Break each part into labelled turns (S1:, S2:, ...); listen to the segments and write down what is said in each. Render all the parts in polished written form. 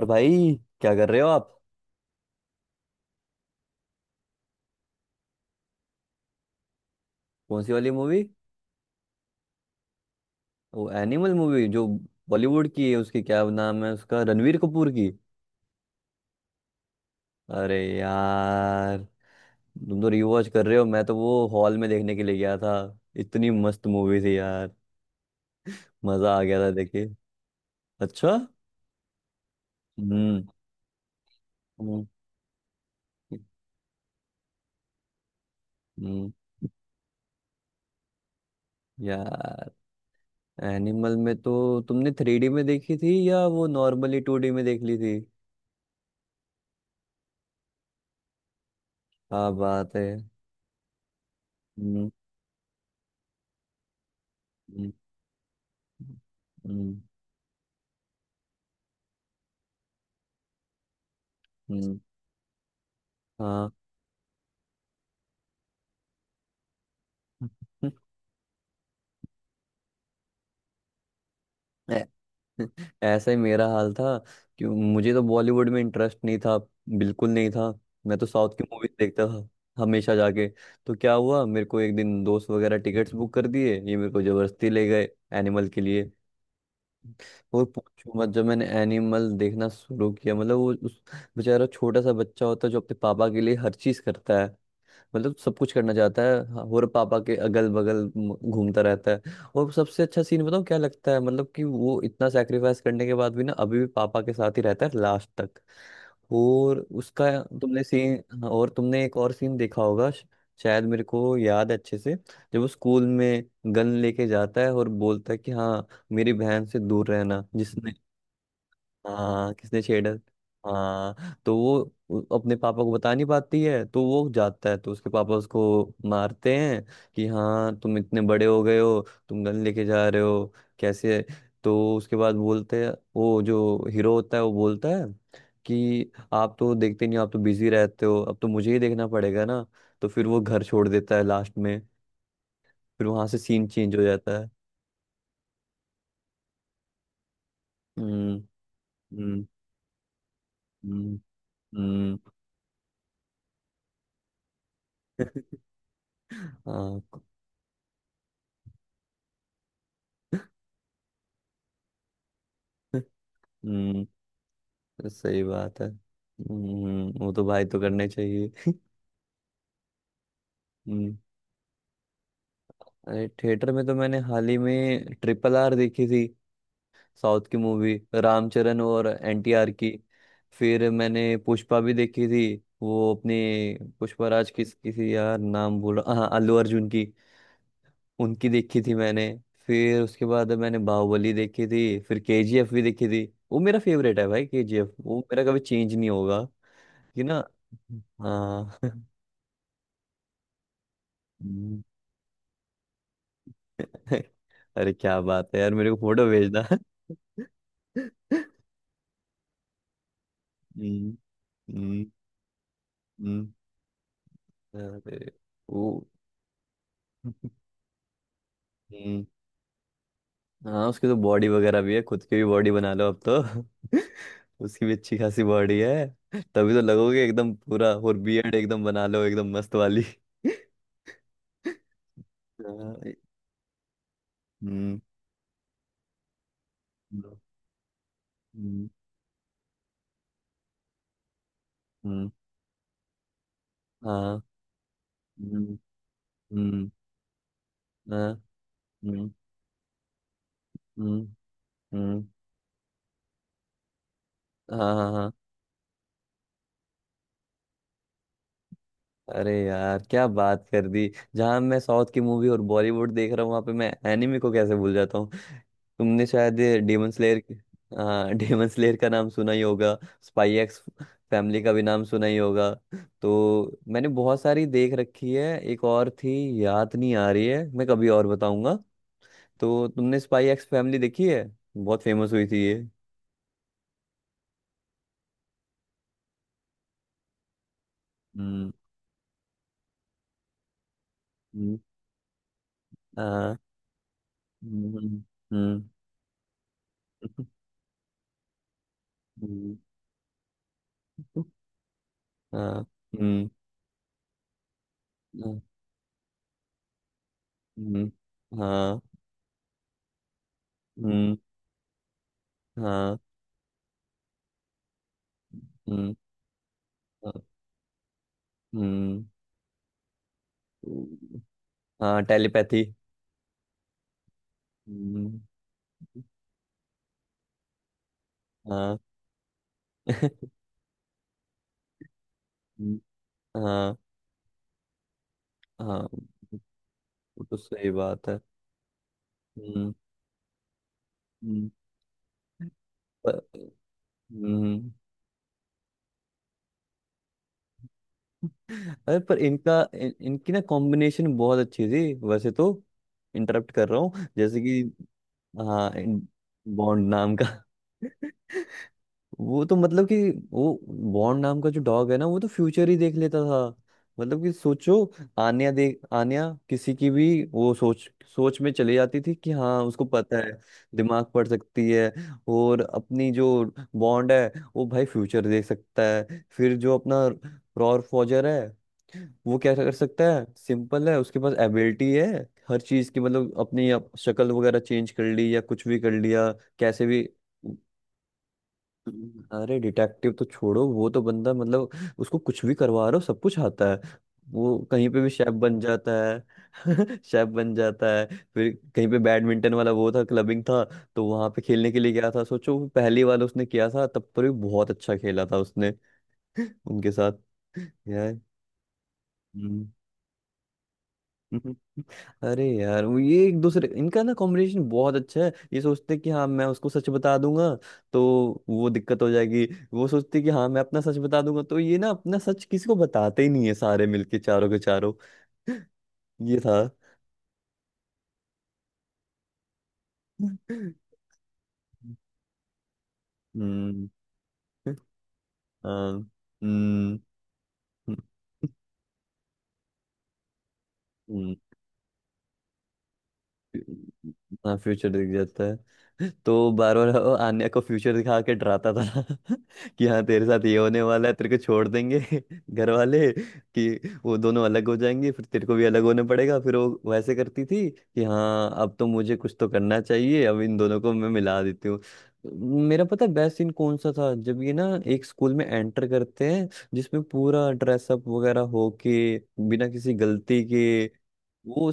S1: और भाई, क्या कर रहे हो आप? कौन सी वाली मूवी? वो एनिमल मूवी जो बॉलीवुड की है, उसकी क्या नाम है उसका, रणवीर कपूर की? अरे यार, तुम तो रिवॉच कर रहे हो, मैं तो वो हॉल में देखने के लिए गया था। इतनी मस्त मूवी थी यार। मजा आ गया था देखे। अच्छा। हम्म। हम्म। हम्म। यार, एनिमल में तो तुमने थ्री डी में देखी थी या वो नॉर्मली टू डी में देख ली थी? हाँ, बात है। हम्म। हम्म। हम्म। हम्म। हाँ। ऐ- ऐसा ही मेरा हाल था कि मुझे तो बॉलीवुड में इंटरेस्ट नहीं था। बिल्कुल नहीं था। मैं तो साउथ की मूवीज देखता था, हमेशा जाके। तो क्या हुआ, मेरे को एक दिन दोस्त वगैरह टिकट्स बुक कर दिए, ये मेरे को जबरदस्ती ले गए एनिमल के लिए। और पूछो मत, जब मैंने एनिमल देखना शुरू किया, मतलब वो उस बेचारा छोटा सा बच्चा होता है जो अपने पापा के लिए हर चीज करता है, मतलब सब कुछ करना चाहता है। हाँ, और पापा के अगल बगल घूमता रहता है। और सबसे अच्छा सीन बताऊँ क्या लगता है, मतलब कि वो इतना सेक्रीफाइस करने के बाद भी ना, अभी भी पापा के साथ ही रहता है लास्ट तक। और उसका, तुमने सीन, और तुमने एक और सीन देखा होगा शायद, मेरे को याद है अच्छे से, जब वो स्कूल में गन लेके जाता है और बोलता है कि हाँ, मेरी बहन से दूर रहना जिसने। हाँ, किसने छेड़ा? हाँ तो वो, अपने पापा को बता नहीं पाती है, तो वो जाता है तो उसके पापा उसको मारते हैं कि हाँ, तुम इतने बड़े हो गए हो, तुम गन लेके जा रहे हो कैसे? तो उसके बाद बोलते हैं, वो जो हीरो होता है वो बोलता है कि आप तो देखते नहीं हो, आप तो बिजी रहते हो, अब तो मुझे ही देखना पड़ेगा ना। तो फिर वो घर छोड़ देता है लास्ट में। फिर वहां से सीन चेंज हो जाता है। हम्म। हम्म। हम्म। हम्म। हाँ। हम्म। सही बात है। वो तो भाई तो करने चाहिए। हम्म, अरे थिएटर में तो मैंने हाल ही में ट्रिपल आर देखी थी। साउथ की मूवी, रामचरण और एनटीआर की। फिर मैंने पुष्पा भी देखी थी। वो अपनी पुष्पाराज की, किसी, यार नाम बोल रहा, हाँ अल्लू अर्जुन की। उनकी देखी थी मैंने। फिर उसके बाद मैंने बाहुबली देखी थी, फिर केजीएफ भी देखी थी। वो मेरा फेवरेट है भाई, केजीएफ वो मेरा कभी चेंज नहीं होगा। कि ना। हाँ। हम्म। अरे क्या बात है यार, मेरे को फोटो भेजना। हम्म। हम्म। हम्म। अरे। वो। हम्म। हाँ, उसकी तो बॉडी वगैरह भी है, खुद की भी बॉडी बना लो अब तो। उसकी भी अच्छी खासी बॉडी है, तभी तो लगोगे एकदम पूरा। और बियर्ड एकदम बना लो एकदम मस्त वाली। हाँ। हम्म। हम्म। हम्म। हाँ। हम्म। हम्म। हाँ। हम्म। हम्म। हम्म। हाँ। हाँ। हाँ। अरे यार, क्या बात कर दी। जहां मैं साउथ की मूवी और बॉलीवुड देख रहा हूँ, वहां पे मैं एनिमे को कैसे भूल जाता हूँ? तुमने शायद डेमन स्लेयर। हाँ। डेमन स्लेयर का नाम सुना ही होगा। स्पाई एक्स फैमिली का भी नाम सुना ही होगा। तो मैंने बहुत सारी देख रखी है, एक और थी, याद नहीं आ रही है, मैं कभी और बताऊंगा। तो तुमने स्पाई एक्स फैमिली देखी है? बहुत फेमस हुई थी ये। हम्म। हम्म। हाँ। हम्म। हम्म। हम्म। हम्म। हाँ। हम्म। हम्म। हाँ। हम्म। हाँ। हम्म। हाँ। हम्म। हाँ टेलीपैथी। हम्म। हाँ। हम्म। हाँ। हाँ। वो तो सही बात है। हम्म। हम्म। पर। हम्म। अरे पर इनका इनकी ना कॉम्बिनेशन बहुत अच्छी थी वैसे तो। इंटरप्ट कर रहा हूँ जैसे कि। हाँ। बॉन्ड नाम का। वो तो मतलब कि, वो बॉन्ड नाम का जो डॉग है ना, वो तो फ्यूचर ही देख लेता था। मतलब कि सोचो, आन्या किसी की भी वो सोच, सोच में चली जाती थी कि हाँ, उसको पता है। दिमाग पढ़ सकती है। और अपनी जो बॉन्ड है, वो भाई फ्यूचर देख सकता है। फिर जो अपना रॉर फॉजर है, वो क्या कर सकता है? सिंपल है, उसके पास एबिलिटी है हर चीज की, मतलब अपनी शक्ल वगैरह चेंज कर ली या कुछ भी कर लिया, कैसे भी। अरे डिटेक्टिव तो छोड़ो, वो तो बंदा मतलब, उसको कुछ भी करवा रहे हो सब कुछ आता है। वो कहीं पे भी शेफ बन जाता है। शेफ बन जाता है। फिर कहीं पे बैडमिंटन वाला वो था, क्लबिंग था, तो वहां पे खेलने के लिए गया था। सोचो, वो पहली बार उसने किया था तब पर भी बहुत अच्छा खेला था उसने। उनके साथ। यार। हम्म। अरे यार, वो ये एक दूसरे इनका ना कॉम्बिनेशन बहुत अच्छा है। ये सोचते हैं कि हाँ मैं उसको सच बता दूंगा तो वो दिक्कत हो जाएगी। वो सोचते हैं कि हाँ मैं अपना सच बता दूंगा, तो ये ना अपना सच किसी को बताते ही नहीं है, सारे मिलके चारों के चारों। ये था। हम्म। हाँ, हम्म। हम्म, हाँ फ्यूचर दिख जाता है। तो बार बार वो आन्या को फ्यूचर दिखा के डराता था। कि हाँ तेरे साथ ये होने वाला है, तेरे को छोड़ देंगे घर वाले, कि वो दोनों अलग हो जाएंगे, फिर तेरे को भी अलग होने पड़ेगा। फिर वो वैसे करती थी कि हाँ, अब तो मुझे कुछ तो करना चाहिए, अब इन दोनों को मैं मिला देती हूँ। मेरा पता है बेस्ट सीन कौन सा था, जब ये ना एक स्कूल में एंटर करते हैं जिसमें पूरा ड्रेसअप वगैरह हो के, बिना किसी गलती के। वो।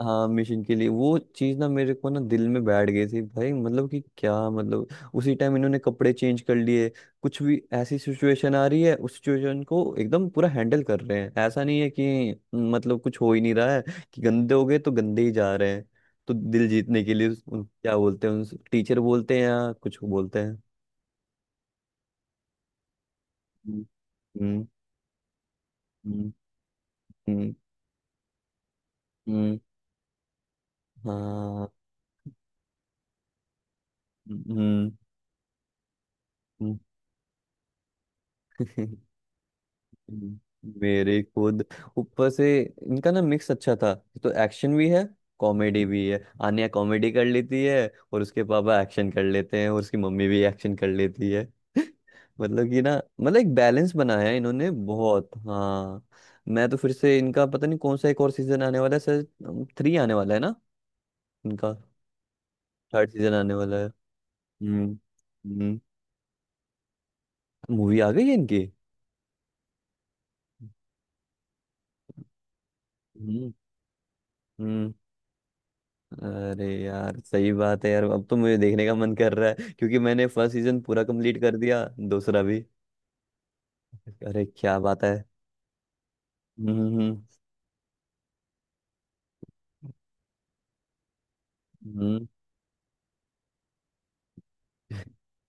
S1: हाँ मिशन के लिए, वो चीज ना मेरे को ना दिल में बैठ गई थी भाई, मतलब कि क्या मतलब, उसी टाइम इन्होंने कपड़े चेंज कर लिए। कुछ भी ऐसी सिचुएशन आ रही है, उस सिचुएशन को एकदम पूरा हैंडल कर रहे हैं। ऐसा नहीं है कि मतलब कुछ हो ही नहीं रहा है, कि गंदे हो गए तो गंदे ही जा रहे हैं। तो दिल जीतने के लिए क्या बोलते हैं उन, टीचर बोलते हैं या कुछ बोलते हैं। हम्म। हम्म। हम्म। हम्म। हम्म। हाँ। हम्म। हम्म। हम्म। हम्म। मेरे खुद, ऊपर से इनका ना मिक्स अच्छा था। तो एक्शन भी है, कॉमेडी भी है। आन्या कॉमेडी कर लेती है, और उसके पापा एक्शन कर लेते हैं, और उसकी मम्मी भी एक्शन कर लेती है। मतलब कि ना, मतलब एक बैलेंस बनाया है इन्होंने बहुत। हाँ मैं तो फिर से इनका पता नहीं कौन सा एक और सीजन आने वाला है सर, थ्री आने वाला है ना इनका? थर्ड सीजन आने वाला है। हम्म। हम्म। मूवी आ गई है इनकी। हम्म। हम्म। अरे यार, सही बात है यार, अब तो मुझे देखने का मन कर रहा है क्योंकि मैंने फर्स्ट सीजन पूरा कंप्लीट कर दिया, दूसरा भी। अरे क्या बात है। हम्म। हम्म। हम्म।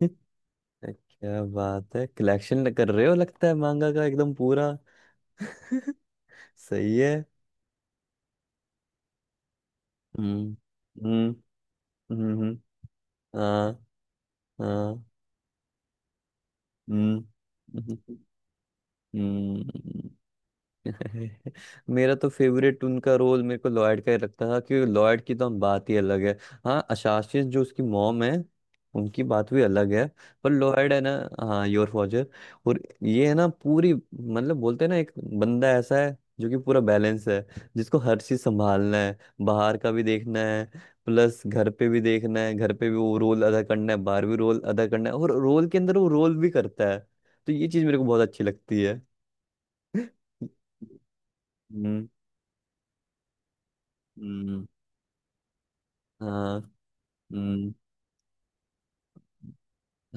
S1: क्या बात है, कलेक्शन कर रहे हो लगता है मांगा का एकदम पूरा। सही है। हम्म। हम्म। हम्म। हम्म। हाँ। हाँ। हम्म। हम्म। हम्म। मेरा तो फेवरेट उनका रोल मेरे को लॉयड का ही लगता था, क्योंकि लॉयड की तो हम बात ही अलग है। हाँ अशासिस जो उसकी मॉम है, उनकी बात भी अलग है। पर लॉयड है ना। हाँ योर फॉजर। और ये है ना पूरी, मतलब बोलते हैं ना, एक बंदा ऐसा है जो कि पूरा बैलेंस है, जिसको हर चीज संभालना है, बाहर का भी देखना है, प्लस घर पे भी देखना है, घर पे भी वो रोल अदा करना है, बाहर भी रोल अदा करना है, और रोल के अंदर वो रोल भी करता है। तो ये चीज मेरे को बहुत अच्छी लगती है। हम्म। हम्म। हाँ। हम्म।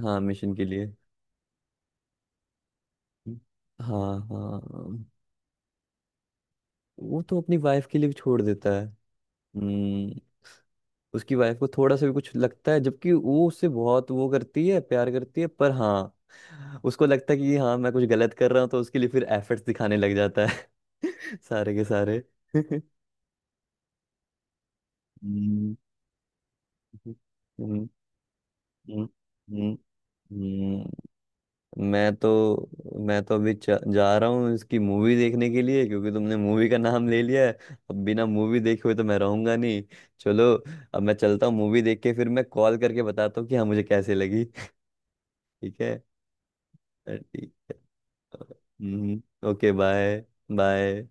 S1: हाँ मिशन के लिए। हम्म। हाँ। हाँ, वो तो अपनी वाइफ के लिए भी छोड़ देता है। हम्म। उसकी वाइफ को थोड़ा सा भी कुछ लगता है जबकि वो उससे बहुत वो करती है, प्यार करती है, पर हाँ उसको लगता है कि हाँ मैं कुछ गलत कर रहा हूँ, तो उसके लिए फिर एफर्ट्स दिखाने लग जाता है। सारे के सारे। हम्म। हम्म। हम्म। हम्म। हम्म। मैं तो मैं तो अभी जा रहा हूँ इसकी मूवी देखने के लिए, क्योंकि तुमने मूवी का नाम ले लिया है। अब बिना मूवी देखे हुए तो मैं रहूंगा नहीं। चलो, अब मैं चलता हूँ, मूवी देख के फिर मैं कॉल करके बताता हूँ कि हाँ मुझे कैसे लगी। ठीक है। ठीक। हम्म। Okay bye. बाय।